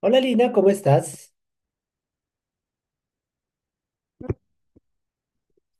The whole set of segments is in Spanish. Hola Lina, ¿cómo estás?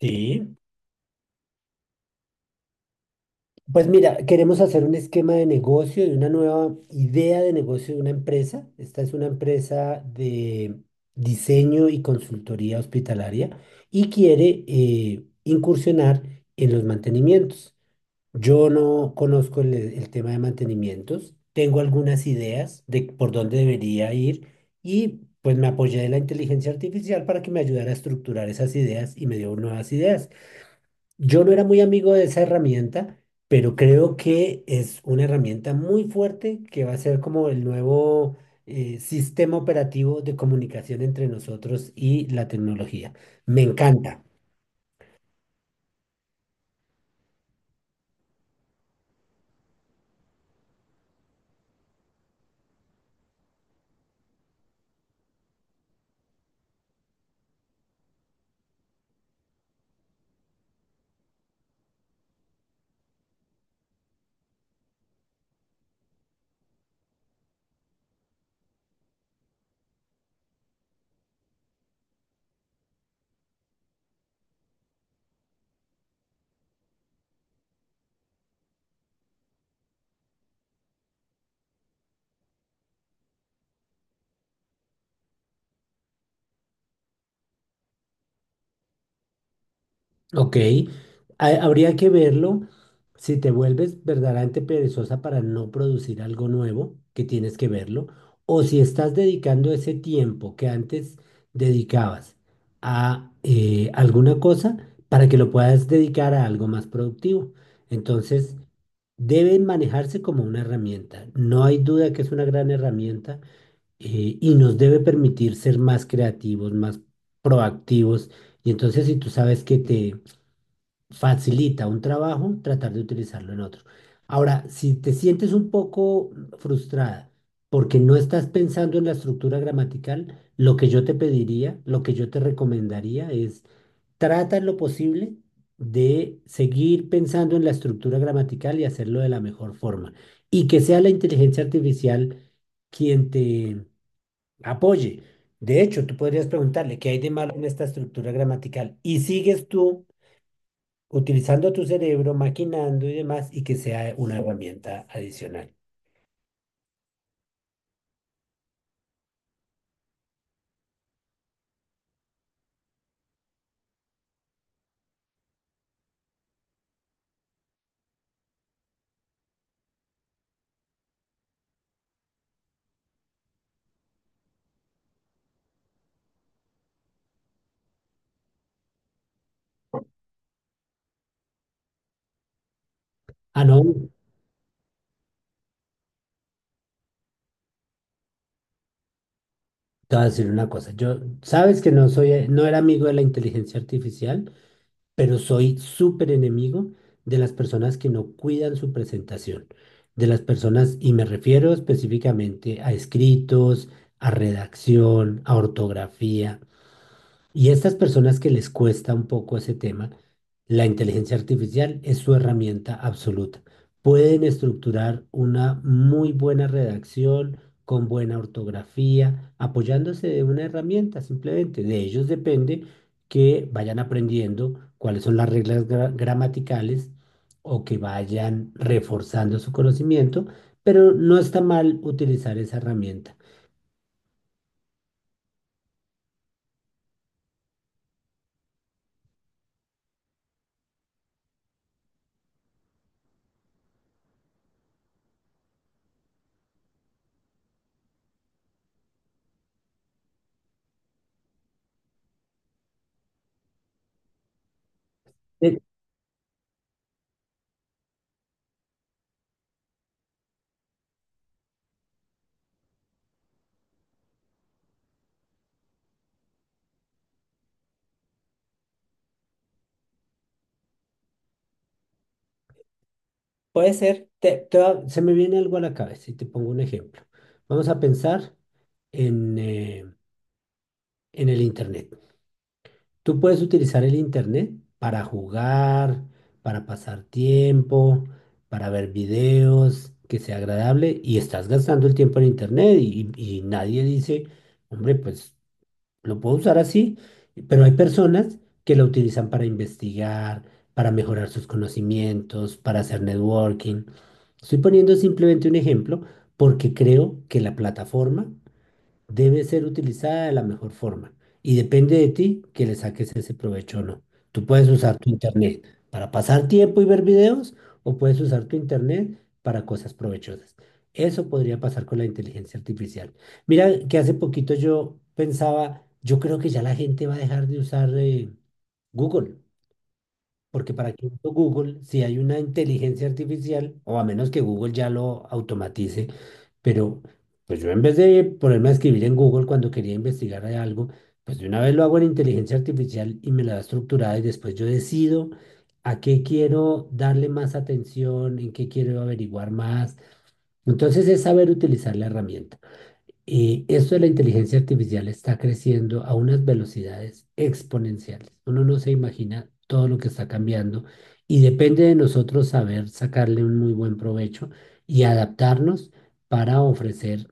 Sí. Pues mira, queremos hacer un esquema de negocio y una nueva idea de negocio de una empresa. Esta es una empresa de diseño y consultoría hospitalaria y quiere incursionar en los mantenimientos. Yo no conozco el tema de mantenimientos, tengo algunas ideas de por dónde debería ir y pues me apoyé de la inteligencia artificial para que me ayudara a estructurar esas ideas y me dio nuevas ideas. Yo no era muy amigo de esa herramienta, pero creo que es una herramienta muy fuerte que va a ser como el nuevo sistema operativo de comunicación entre nosotros y la tecnología. Me encanta. Ok, habría que verlo. Si te vuelves verdaderamente perezosa para no producir algo nuevo, que tienes que verlo, o si estás dedicando ese tiempo que antes dedicabas a alguna cosa para que lo puedas dedicar a algo más productivo. Entonces, deben manejarse como una herramienta. No hay duda que es una gran herramienta, y nos debe permitir ser más creativos, más proactivos. Y entonces, si tú sabes que te facilita un trabajo tratar de utilizarlo en otro. Ahora, si te sientes un poco frustrada porque no estás pensando en la estructura gramatical, lo que yo te pediría, lo que yo te recomendaría es trata en lo posible de seguir pensando en la estructura gramatical y hacerlo de la mejor forma. Y que sea la inteligencia artificial quien te apoye. De hecho, tú podrías preguntarle qué hay de malo en esta estructura gramatical y sigues tú utilizando tu cerebro, maquinando y demás, y que sea una herramienta adicional. Ah, no, te voy a decir una cosa. Yo, sabes que no soy, no era amigo de la inteligencia artificial, pero soy súper enemigo de las personas que no cuidan su presentación, de las personas, y me refiero específicamente a escritos, a redacción, a ortografía. Y estas personas que les cuesta un poco ese tema, la inteligencia artificial es su herramienta absoluta. Pueden estructurar una muy buena redacción con buena ortografía, apoyándose de una herramienta simplemente. De ellos depende que vayan aprendiendo cuáles son las reglas gramaticales o que vayan reforzando su conocimiento, pero no está mal utilizar esa herramienta. Puede ser, se me viene algo a la cabeza y te pongo un ejemplo. Vamos a pensar en, eh, en el Internet. Tú puedes utilizar el Internet para jugar, para pasar tiempo, para ver videos, que sea agradable y estás gastando el tiempo en Internet y, y nadie dice, hombre, pues lo puedo usar así, pero hay personas que lo utilizan para investigar, para mejorar sus conocimientos, para hacer networking. Estoy poniendo simplemente un ejemplo porque creo que la plataforma debe ser utilizada de la mejor forma y depende de ti que le saques ese provecho o no. Tú puedes usar tu internet para pasar tiempo y ver videos o puedes usar tu internet para cosas provechosas. Eso podría pasar con la inteligencia artificial. Mira que hace poquito yo pensaba, yo creo que ya la gente va a dejar de usar Google. Porque para que uso Google, si hay una inteligencia artificial, o a menos que Google ya lo automatice, pero pues yo en vez de ponerme a escribir en Google cuando quería investigar de algo, pues de una vez lo hago en inteligencia artificial y me la da estructurada y después yo decido a qué quiero darle más atención, en qué quiero averiguar más. Entonces es saber utilizar la herramienta. Y esto de la inteligencia artificial está creciendo a unas velocidades exponenciales. Uno no se imagina todo lo que está cambiando y depende de nosotros saber sacarle un muy buen provecho y adaptarnos para ofrecer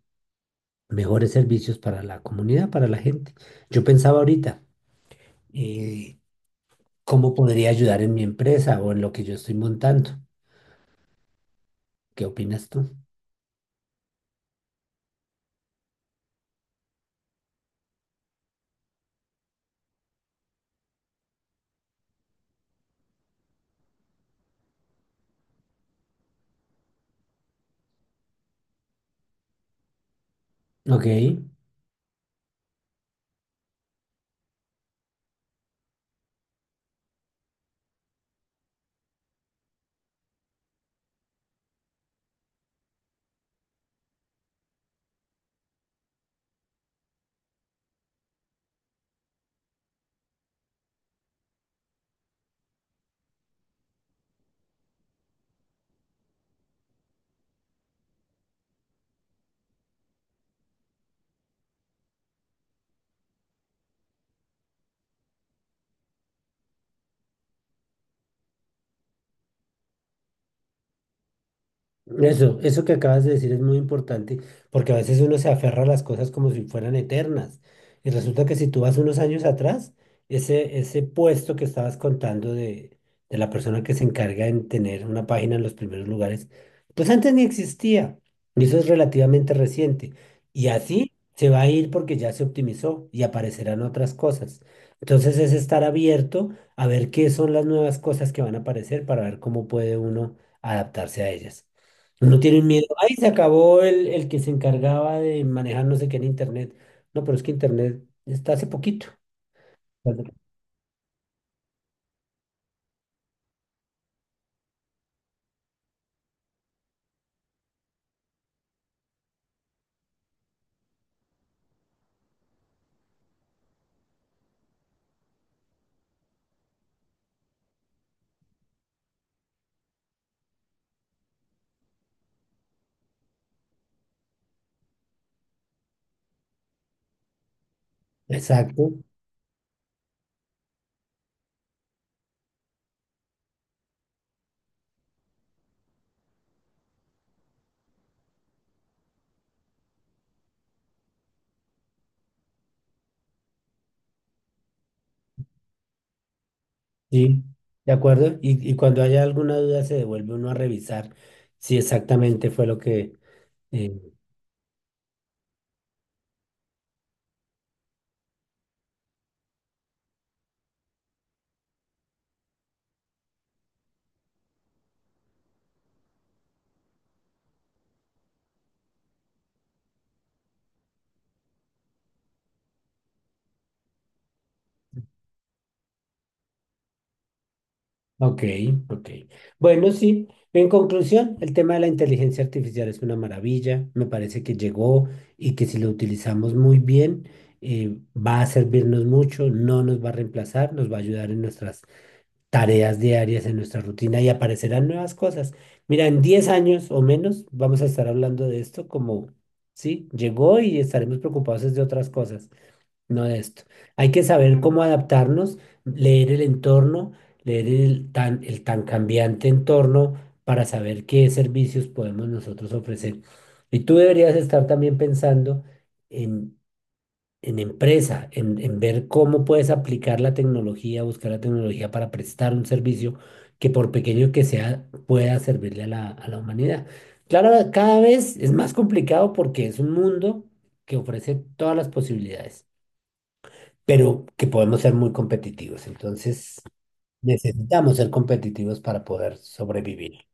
mejores servicios para la comunidad, para la gente. Yo pensaba ahorita, eh, ¿cómo podría ayudar en mi empresa o en lo que yo estoy montando? ¿Qué opinas tú? Ok. Eso que acabas de decir es muy importante porque a veces uno se aferra a las cosas como si fueran eternas. Y resulta que si tú vas unos años atrás, ese puesto que estabas contando de la persona que se encarga en tener una página en los primeros lugares, pues antes ni existía. Y eso es relativamente reciente. Y así se va a ir porque ya se optimizó y aparecerán otras cosas. Entonces es estar abierto a ver qué son las nuevas cosas que van a aparecer para ver cómo puede uno adaptarse a ellas. No tienen miedo. Ahí se acabó el que se encargaba de manejar no sé qué en Internet. No, pero es que Internet está hace poquito. Exacto, sí, de acuerdo. Y cuando haya alguna duda se devuelve uno a revisar si exactamente fue lo que... eh, ok, ok. Bueno, sí, en conclusión, el tema de la inteligencia artificial es una maravilla. Me parece que llegó y que si lo utilizamos muy bien, va a servirnos mucho, no nos va a reemplazar, nos va a ayudar en nuestras tareas diarias en nuestra rutina y aparecerán nuevas cosas. Mira, en 10 años o menos vamos a estar hablando de esto como, sí, llegó y estaremos preocupados es de otras cosas, no de esto. Hay que saber cómo adaptarnos, leer el entorno, leer el tan cambiante entorno para saber qué servicios podemos nosotros ofrecer. Y tú deberías estar también pensando en en ver cómo puedes aplicar la tecnología, buscar la tecnología para prestar un servicio que por pequeño que sea pueda servirle a a la humanidad. Claro, cada vez es más complicado porque es un mundo que ofrece todas las posibilidades, pero que podemos ser muy competitivos. Entonces, necesitamos ser competitivos para poder sobrevivir.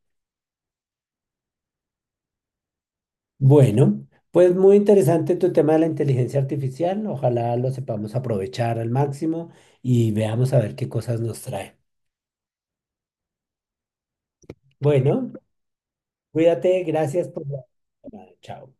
Bueno, pues muy interesante tu tema de la inteligencia artificial. Ojalá lo sepamos aprovechar al máximo y veamos a ver qué cosas nos trae. Bueno, cuídate, gracias por la... llamada. Chao.